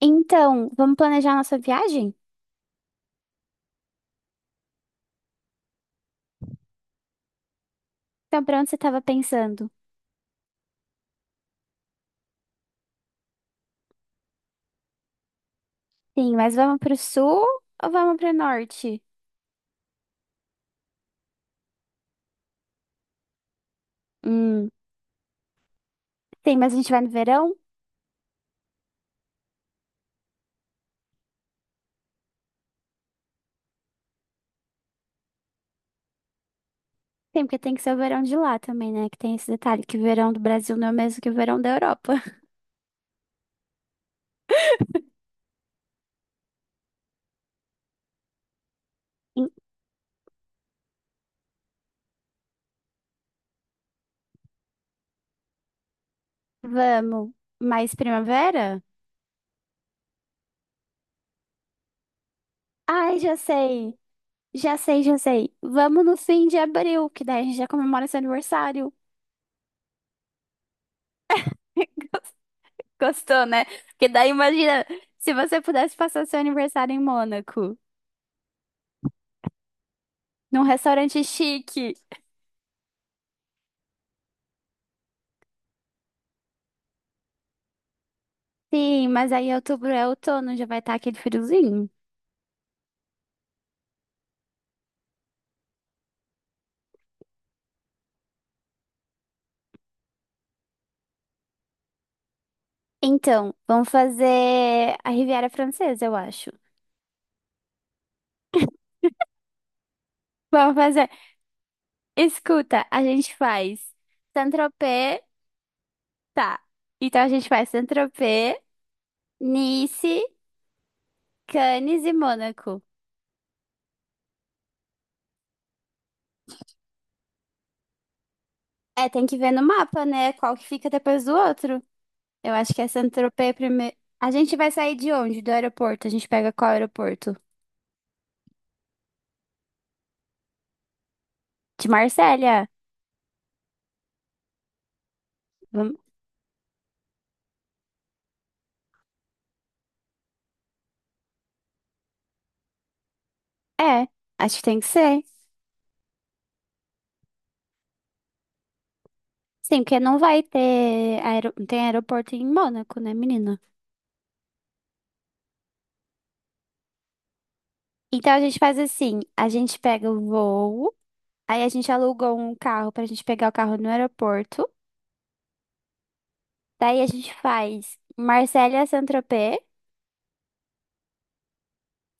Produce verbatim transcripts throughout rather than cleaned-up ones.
Então, vamos planejar nossa viagem? Então, pra onde você estava pensando? Sim, mas vamos pro sul ou vamos pro norte? Hum, Tem, mas a gente vai no verão? Tem, porque tem que ser o verão de lá também, né? Que tem esse detalhe que o verão do Brasil não é o mesmo que o verão da Europa. Em- Vamos. Mais primavera? Ai, já sei. Já sei, já sei. Vamos no fim de abril, que daí a gente já comemora seu aniversário. Gostou, né? Porque daí imagina se você pudesse passar seu aniversário em Mônaco. Num restaurante chique. Sim, mas aí outubro é outono, já vai estar aquele friozinho. Então, vamos fazer a Riviera Francesa, eu acho. Vamos fazer. Escuta, a gente faz Saint-Tropez, tá. Então a gente faz Saint-Tropez, Nice, Cannes e Mônaco. É, tem que ver no mapa, né? Qual que fica depois do outro. Eu acho que é Saint-Tropez primeiro. A gente vai sair de onde? Do aeroporto. A gente pega qual aeroporto? De Marsella. Vamos... É, acho que tem que ser. Sim, porque não vai ter aero... não tem aeroporto em Mônaco, né, menina? Então a gente faz assim, a gente pega o voo, aí a gente aluga um carro pra gente pegar o carro no aeroporto, daí a gente faz Marselha a Saint-Tropez,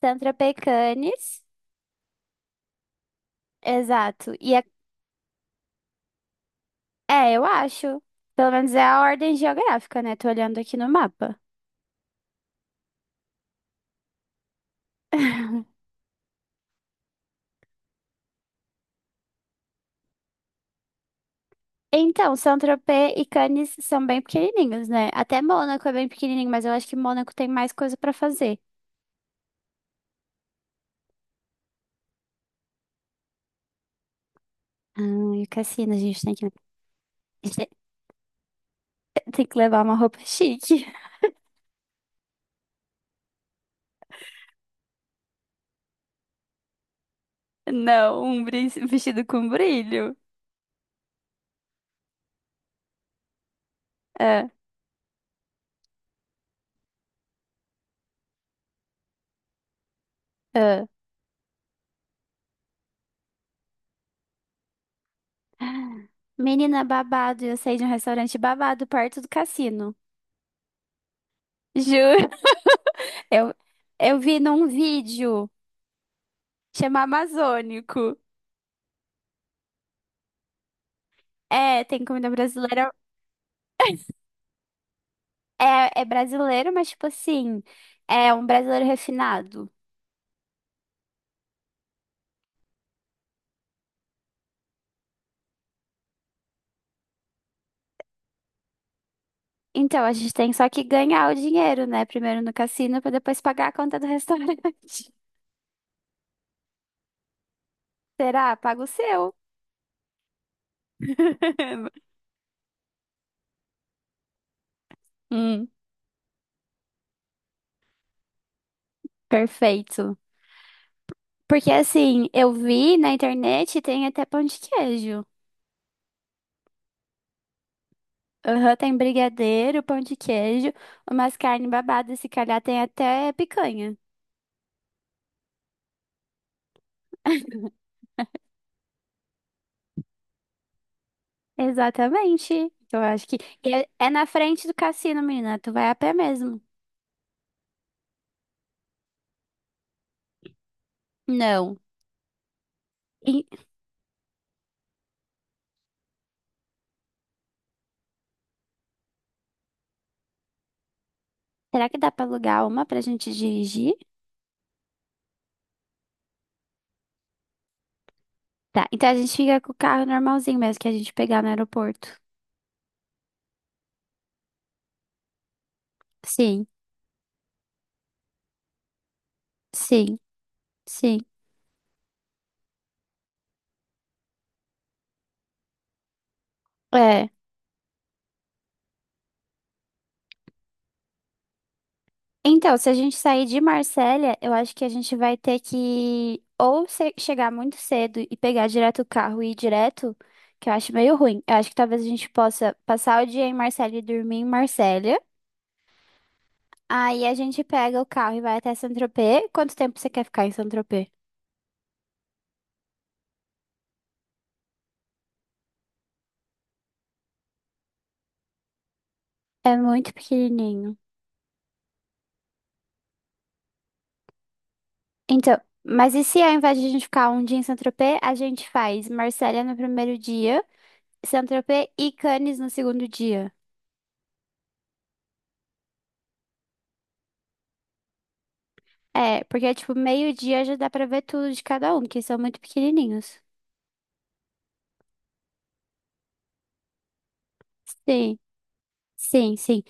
Saint-Tropez Cannes, exato. E é... É, eu acho, pelo menos é a ordem geográfica, né? Tô olhando aqui no mapa. Então, Saint-Tropez e Cannes são bem pequenininhos, né? Até Mônaco é bem pequenininho, mas eu acho que Mônaco tem mais coisa pra fazer. Ah, e o Cassino, a gente tem que, a gente tem que levar uma roupa chique. Não, um bri- vestido com brilho. Ah, ah. Menina babado, eu saí de um restaurante babado perto do cassino. Juro. Eu, eu vi num vídeo, chama Amazônico. É, tem comida brasileira. É, é brasileiro, mas tipo assim, é um brasileiro refinado. Então, a gente tem só que ganhar o dinheiro, né? Primeiro no cassino, pra depois pagar a conta do restaurante. Será? Paga o seu. Hum, perfeito. Porque assim, eu vi na internet tem até pão de queijo. Aham, tem brigadeiro, pão de queijo, umas carnes babadas, se calhar tem até picanha. Exatamente. Eu acho que. E é, é na frente do cassino, menina. Tu vai a pé mesmo. Não. E será que dá pra alugar uma pra gente dirigir? Tá, então a gente fica com o carro normalzinho mesmo que a gente pegar no aeroporto. Sim, sim, sim. É. Então, se a gente sair de Marsella, eu acho que a gente vai ter que ou se- chegar muito cedo e pegar direto o carro e ir direto, que eu acho meio ruim. Eu acho que talvez a gente possa passar o dia em Marsella e dormir em Marsella. Aí a gente pega o carro e vai até Saint-Tropez. Quanto tempo você quer ficar em Saint-Tropez? É muito pequenininho. Então, mas e se ao invés de a gente ficar um dia em Saint-Tropez, a gente faz Marsella no primeiro dia, Saint-Tropez e Cannes no segundo dia? É, porque tipo, meio-dia já dá pra ver tudo de cada um, que são muito pequenininhos. Sim, sim, sim.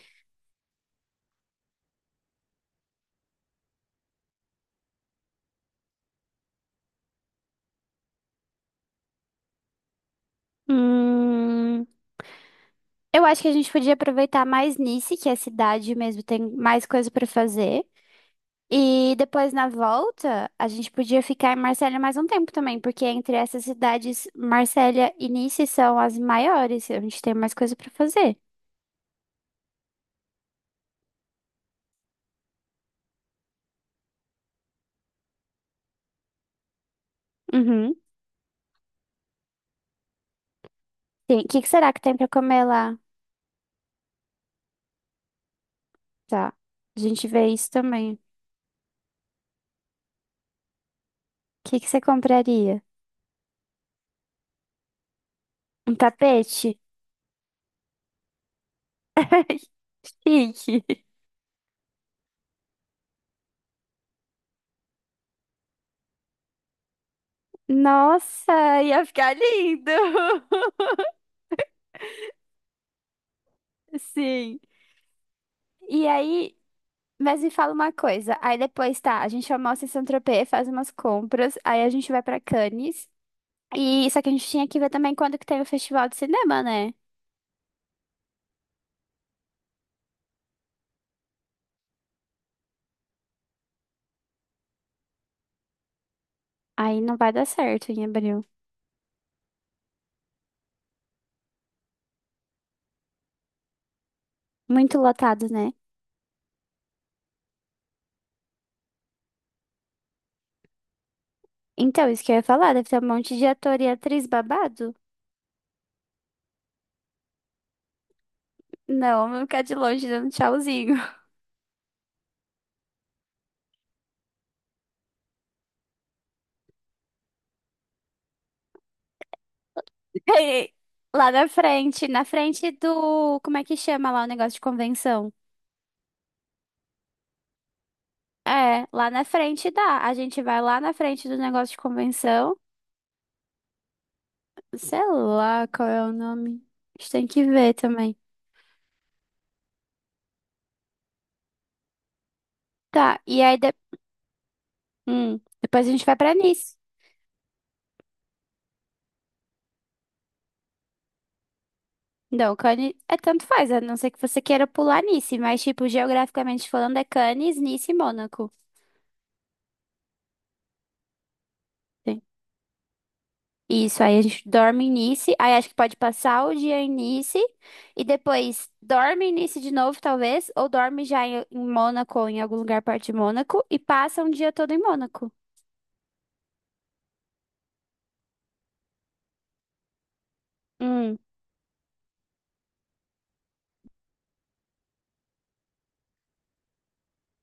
Hum, eu acho que a gente podia aproveitar mais Nice, que é a cidade mesmo, tem mais coisa pra fazer. E depois na volta, a gente podia ficar em Marsella mais um tempo também, porque entre essas cidades, Marsella e Nice são as maiores. A gente tem mais coisa pra fazer. Uhum. Tem. O que que será que tem pra comer lá? Tá. A gente vê isso também. O que que você compraria? Um tapete? Chique. Nossa, ia ficar lindo! Sim. E aí, mas me fala uma coisa. Aí depois, tá, a gente almoça em Saint-Tropez, faz umas compras, aí a gente vai pra Cannes. E só que a gente tinha que ver também quando que tem o festival de cinema, né? Aí não vai dar certo em abril. Muito lotado, né? Então, isso que eu ia falar, deve ter um monte de ator e atriz babado. Não, vou ficar de longe dando tchauzinho. Ei, lá na frente, na frente do. Como é que chama lá o negócio de convenção? É, lá na frente dá. A gente vai lá na frente do negócio de convenção. Sei lá qual é o nome. A gente tem que ver também. Tá, e aí de... hum, depois a gente vai pra Nice. Não, Cannes é tanto faz, a não ser que você queira pular Nice, mas, tipo, geograficamente falando, é Cannes, Nice e Mônaco. Sim. Isso, aí a gente dorme em Nice, aí acho que pode passar o dia em Nice e depois dorme em Nice de novo, talvez, ou dorme já em, em Mônaco ou em algum lugar perto de Mônaco e passa um dia todo em Mônaco. Hum,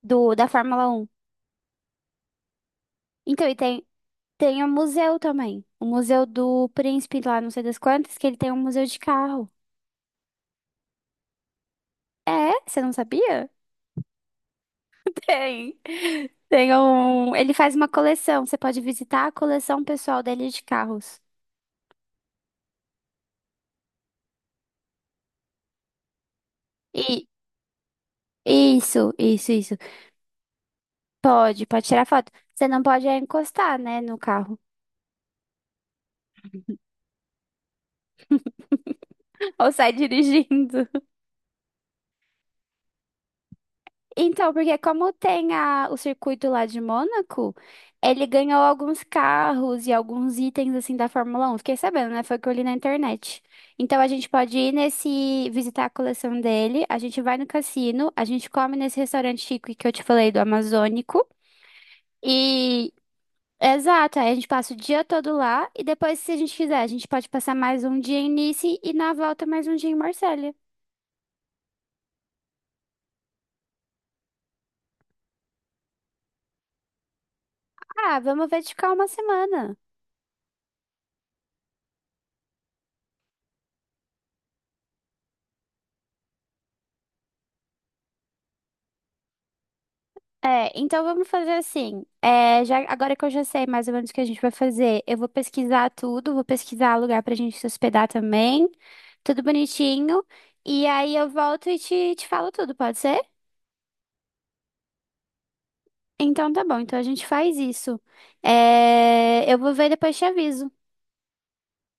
do, da Fórmula Um. Então, e tem, tem o museu também. O museu do Príncipe lá, não sei das quantas, que ele tem um museu de carro. É? Você não sabia? Tem. Tem um. Ele faz uma coleção. Você pode visitar a coleção pessoal dele de carros. E isso, isso, isso. Pode, pode tirar foto. Você não pode é encostar, né, no carro. Ou sai dirigindo. Então, porque como tem a, o circuito lá de Mônaco, ele ganhou alguns carros e alguns itens assim da Fórmula Um. Fiquei sabendo, né? Foi o que eu li na internet. Então a gente pode ir nesse, visitar a coleção dele, a gente vai no cassino, a gente come nesse restaurante chique que eu te falei do Amazônico. E exato, aí a gente passa o dia todo lá e depois, se a gente quiser, a gente pode passar mais um dia em Nice e na volta mais um dia em Marselha. Ah, vamos ver de ficar uma semana. É, então vamos fazer assim. É, já, agora que eu já sei mais ou menos o que a gente vai fazer, eu vou pesquisar tudo, vou pesquisar lugar pra gente se hospedar também, tudo bonitinho. E aí eu volto e te, te falo tudo, pode ser? Então tá bom, então a gente faz isso. É, eu vou ver e depois te aviso.